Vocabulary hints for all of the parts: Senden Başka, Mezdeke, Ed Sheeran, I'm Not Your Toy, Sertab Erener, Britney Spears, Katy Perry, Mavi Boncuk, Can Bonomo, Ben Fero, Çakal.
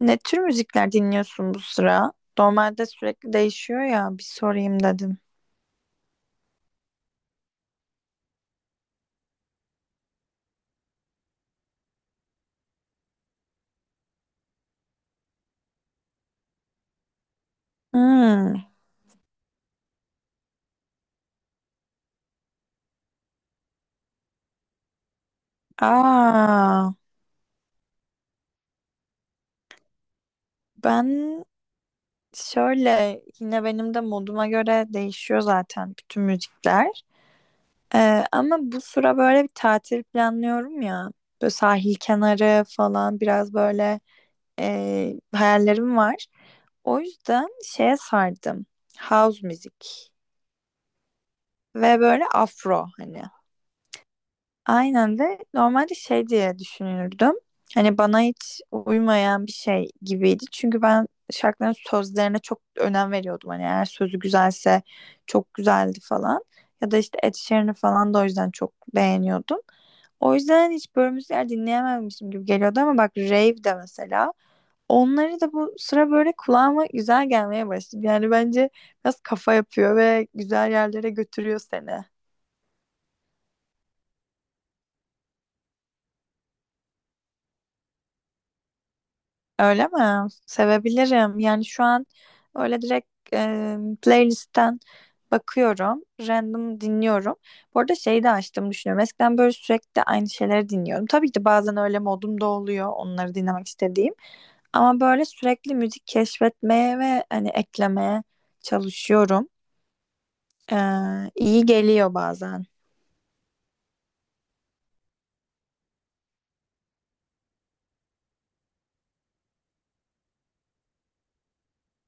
Ne tür müzikler dinliyorsun bu sıra? Normalde sürekli değişiyor ya, bir sorayım dedim. Hmm. Aa, ben şöyle, yine benim de moduma göre değişiyor zaten bütün müzikler. Ama bu sıra böyle bir tatil planlıyorum ya. Böyle sahil kenarı falan, biraz böyle hayallerim var. O yüzden şeye sardım. House müzik ve böyle afro hani. Aynen, de normalde şey diye düşünürdüm. Hani bana hiç uymayan bir şey gibiydi. Çünkü ben şarkıların sözlerine çok önem veriyordum. Hani eğer sözü güzelse çok güzeldi falan. Ya da işte Ed Sheeran'ı falan da o yüzden çok beğeniyordum. O yüzden hani hiç böyle müzikler dinleyememişim gibi geliyordu, ama bak rave de mesela. Onları da bu sıra böyle kulağıma güzel gelmeye başladı. Yani bence biraz kafa yapıyor ve güzel yerlere götürüyor seni. Öyle mi? Sevebilirim. Yani şu an öyle direkt playlistten bakıyorum. Random dinliyorum. Bu arada şeyi de açtım, düşünüyorum. Eskiden böyle sürekli aynı şeyleri dinliyorum. Tabii ki de bazen öyle modum da oluyor, onları dinlemek istediğim. Ama böyle sürekli müzik keşfetmeye ve hani eklemeye çalışıyorum. Ee, iyi geliyor bazen.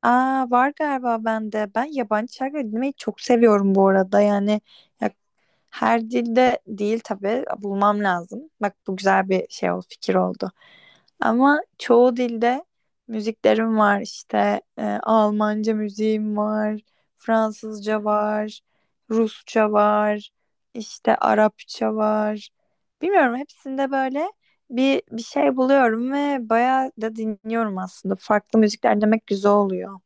Aa, var galiba bende. Ben yabancı şarkı dinlemeyi çok seviyorum bu arada. Yani her dilde değil tabii. Bulmam lazım. Bak bu güzel bir şey oldu, fikir oldu. Ama çoğu dilde müziklerim var, işte Almanca müziğim var, Fransızca var, Rusça var, işte Arapça var. Bilmiyorum, hepsinde böyle bir şey buluyorum ve bayağı da dinliyorum aslında. Farklı müzikler demek güzel oluyor.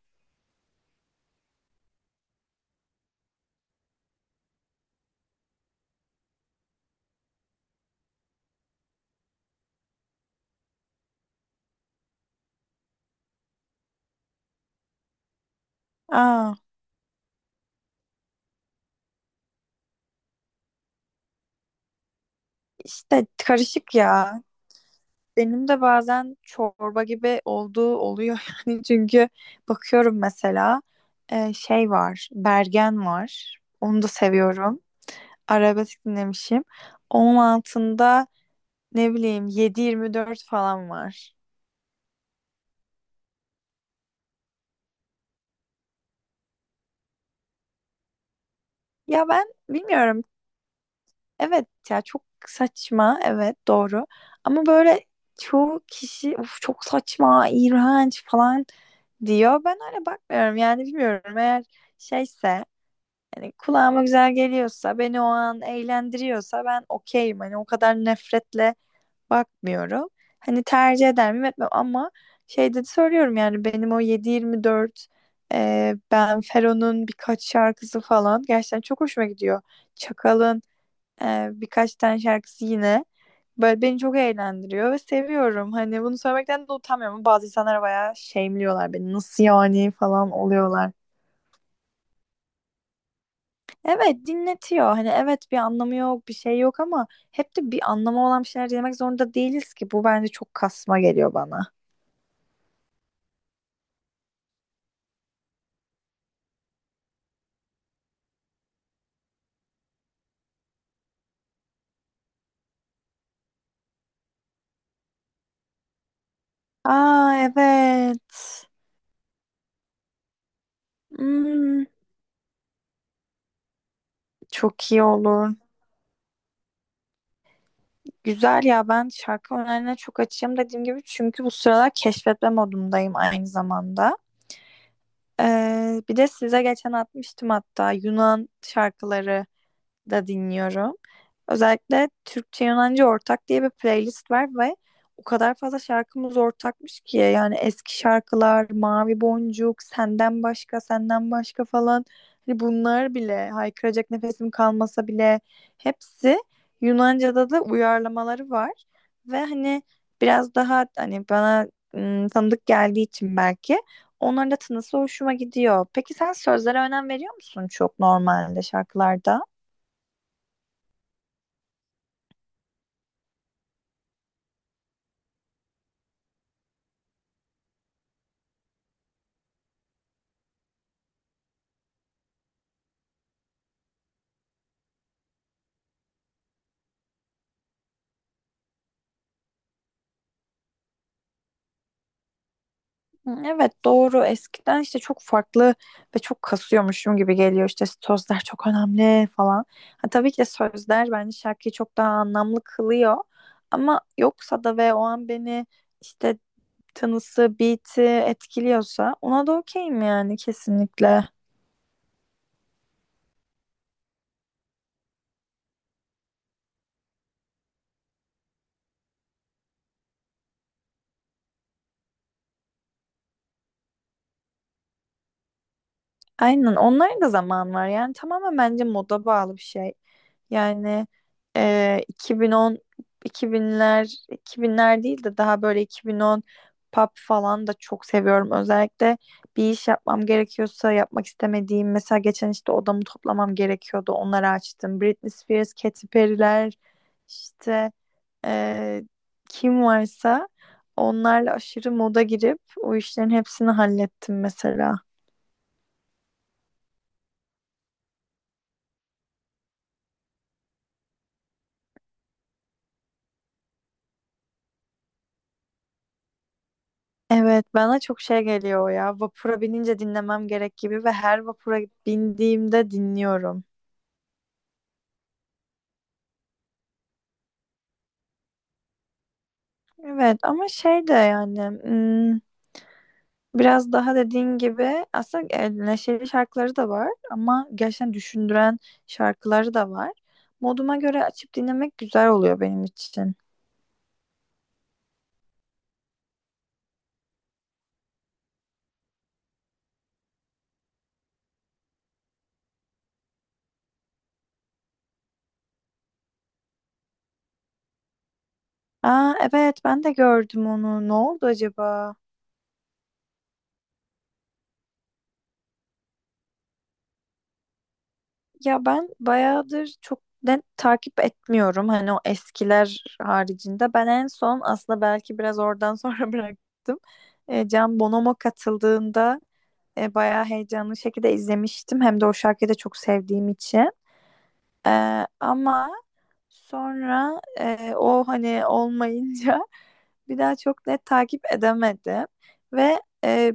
Aa, işte karışık ya. Benim de bazen çorba gibi olduğu oluyor yani, çünkü bakıyorum mesela şey var, Bergen var, onu da seviyorum, arabesk dinlemişim, onun altında ne bileyim 7-24 falan var. Ya ben bilmiyorum, evet ya çok saçma, evet doğru, ama böyle çoğu kişi "Uf, çok saçma, iğrenç" falan diyor. Ben öyle bakmıyorum yani. Bilmiyorum, eğer şeyse, yani kulağıma güzel geliyorsa, beni o an eğlendiriyorsa ben okeyim. Hani o kadar nefretle bakmıyorum. Hani tercih eder miyim, etmem, ama şey de söylüyorum yani. Benim o 7-24, Ben Fero'nun birkaç şarkısı falan gerçekten çok hoşuma gidiyor. Çakal'ın birkaç tane şarkısı, yine böyle beni çok eğlendiriyor ve seviyorum. Hani bunu söylemekten de utanmıyorum. Bazı insanlar bayağı şeyimliyorlar beni. Nasıl yani falan oluyorlar. Evet, dinletiyor. Hani evet, bir anlamı yok, bir şey yok, ama hep de bir anlamı olan bir şeyler dinlemek zorunda değiliz ki. Bu bence çok kasma geliyor bana. Aa, evet. Hmm, çok iyi olur. Güzel ya, ben şarkı önerilerine çok açığım, dediğim gibi, çünkü bu sıralar keşfetme modundayım aynı zamanda. Bir de size geçen atmıştım hatta, Yunan şarkıları da dinliyorum. Özellikle Türkçe Yunanca Ortak diye bir playlist var ve o kadar fazla şarkımız ortakmış ki. Yani eski şarkılar, Mavi Boncuk, Senden Başka, Senden Başka falan, hani bunlar bile, haykıracak nefesim kalmasa bile, hepsi Yunanca'da da uyarlamaları var ve hani biraz daha hani bana tanıdık geldiği için belki onların da tınısı hoşuma gidiyor. Peki sen sözlere önem veriyor musun çok normalde, şarkılarda? Hı, evet, doğru. Eskiden işte çok farklı ve çok kasıyormuşum gibi geliyor, işte sözler çok önemli falan. Ha, tabii ki de sözler bence şarkıyı çok daha anlamlı kılıyor, ama yoksa da, ve o an beni işte tanısı, beat'i etkiliyorsa ona da okeyim yani, kesinlikle. Aynen, onların da zaman var yani. Tamamen bence moda bağlı bir şey. Yani 2010, 2000'ler değil de daha böyle 2010 pop falan da çok seviyorum. Özellikle bir iş yapmam gerekiyorsa, yapmak istemediğim, mesela geçen işte odamı toplamam gerekiyordu, onları açtım. Britney Spears, Katy Perry'ler, işte e, kim varsa, onlarla aşırı moda girip o işlerin hepsini hallettim mesela. Evet, bana çok şey geliyor o ya. Vapura binince dinlemem gerek gibi, ve her vapura bindiğimde dinliyorum. Evet, ama şey de yani, biraz daha dediğin gibi aslında neşeli şarkıları da var, ama gerçekten düşündüren şarkıları da var. Moduma göre açıp dinlemek güzel oluyor benim için. Aa, evet, ben de gördüm onu. Ne oldu acaba? Ya ben bayağıdır çok net takip etmiyorum. Hani o eskiler haricinde. Ben en son aslında belki biraz oradan sonra bıraktım. Can Bonomo katıldığında bayağı heyecanlı şekilde izlemiştim. Hem de o şarkıyı da çok sevdiğim için. Ama sonra o hani olmayınca bir daha çok net takip edemedim. Ve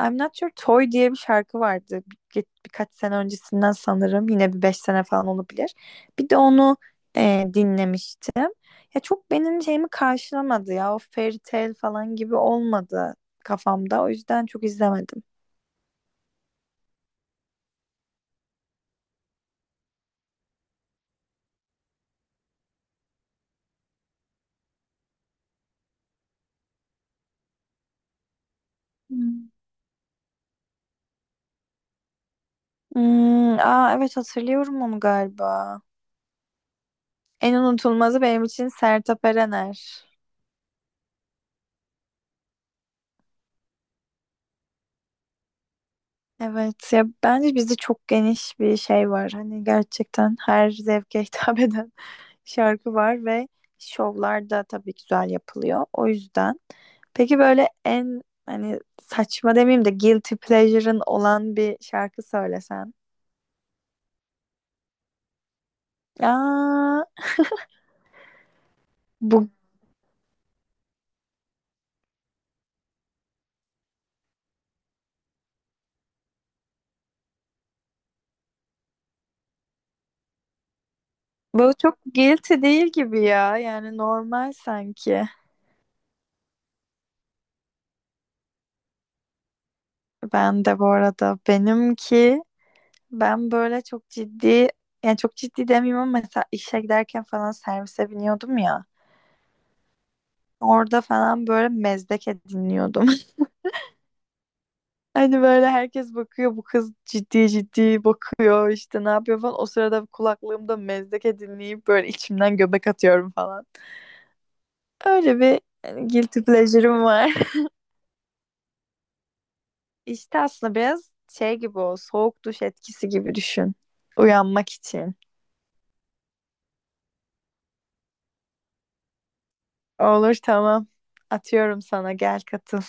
I'm Not Your Toy diye bir şarkı vardı. Birkaç sene öncesinden sanırım. Yine bir 5 sene falan olabilir. Bir de onu dinlemiştim. Ya çok benim şeyimi karşılamadı ya. O fairy tale falan gibi olmadı kafamda. O yüzden çok izlemedim. Hmm. Hmm, aa evet, hatırlıyorum onu galiba. En unutulmazı benim için Sertab Erener. Evet ya, bence bizde çok geniş bir şey var. Hani gerçekten her zevke hitap eden şarkı var ve şovlar da tabii güzel yapılıyor. O yüzden. Peki böyle en, hani saçma demeyeyim de, guilty pleasure'ın olan bir şarkı söylesen. Aa, bu bu çok guilty değil gibi ya. Yani normal sanki. Ben de bu arada, benimki, ben böyle çok ciddi, yani çok ciddi demeyeyim, ama mesela işe giderken falan servise biniyordum ya. Orada falan böyle Mezdeke dinliyordum. Hani böyle herkes bakıyor, bu kız ciddi ciddi bakıyor işte, ne yapıyor falan. O sırada kulaklığımda Mezdeke dinleyip böyle içimden göbek atıyorum falan. Öyle bir yani guilty pleasure'ım var. İşte aslında biraz şey gibi, o soğuk duş etkisi gibi düşün. Uyanmak için. Olur, tamam. Atıyorum sana, gel katıl.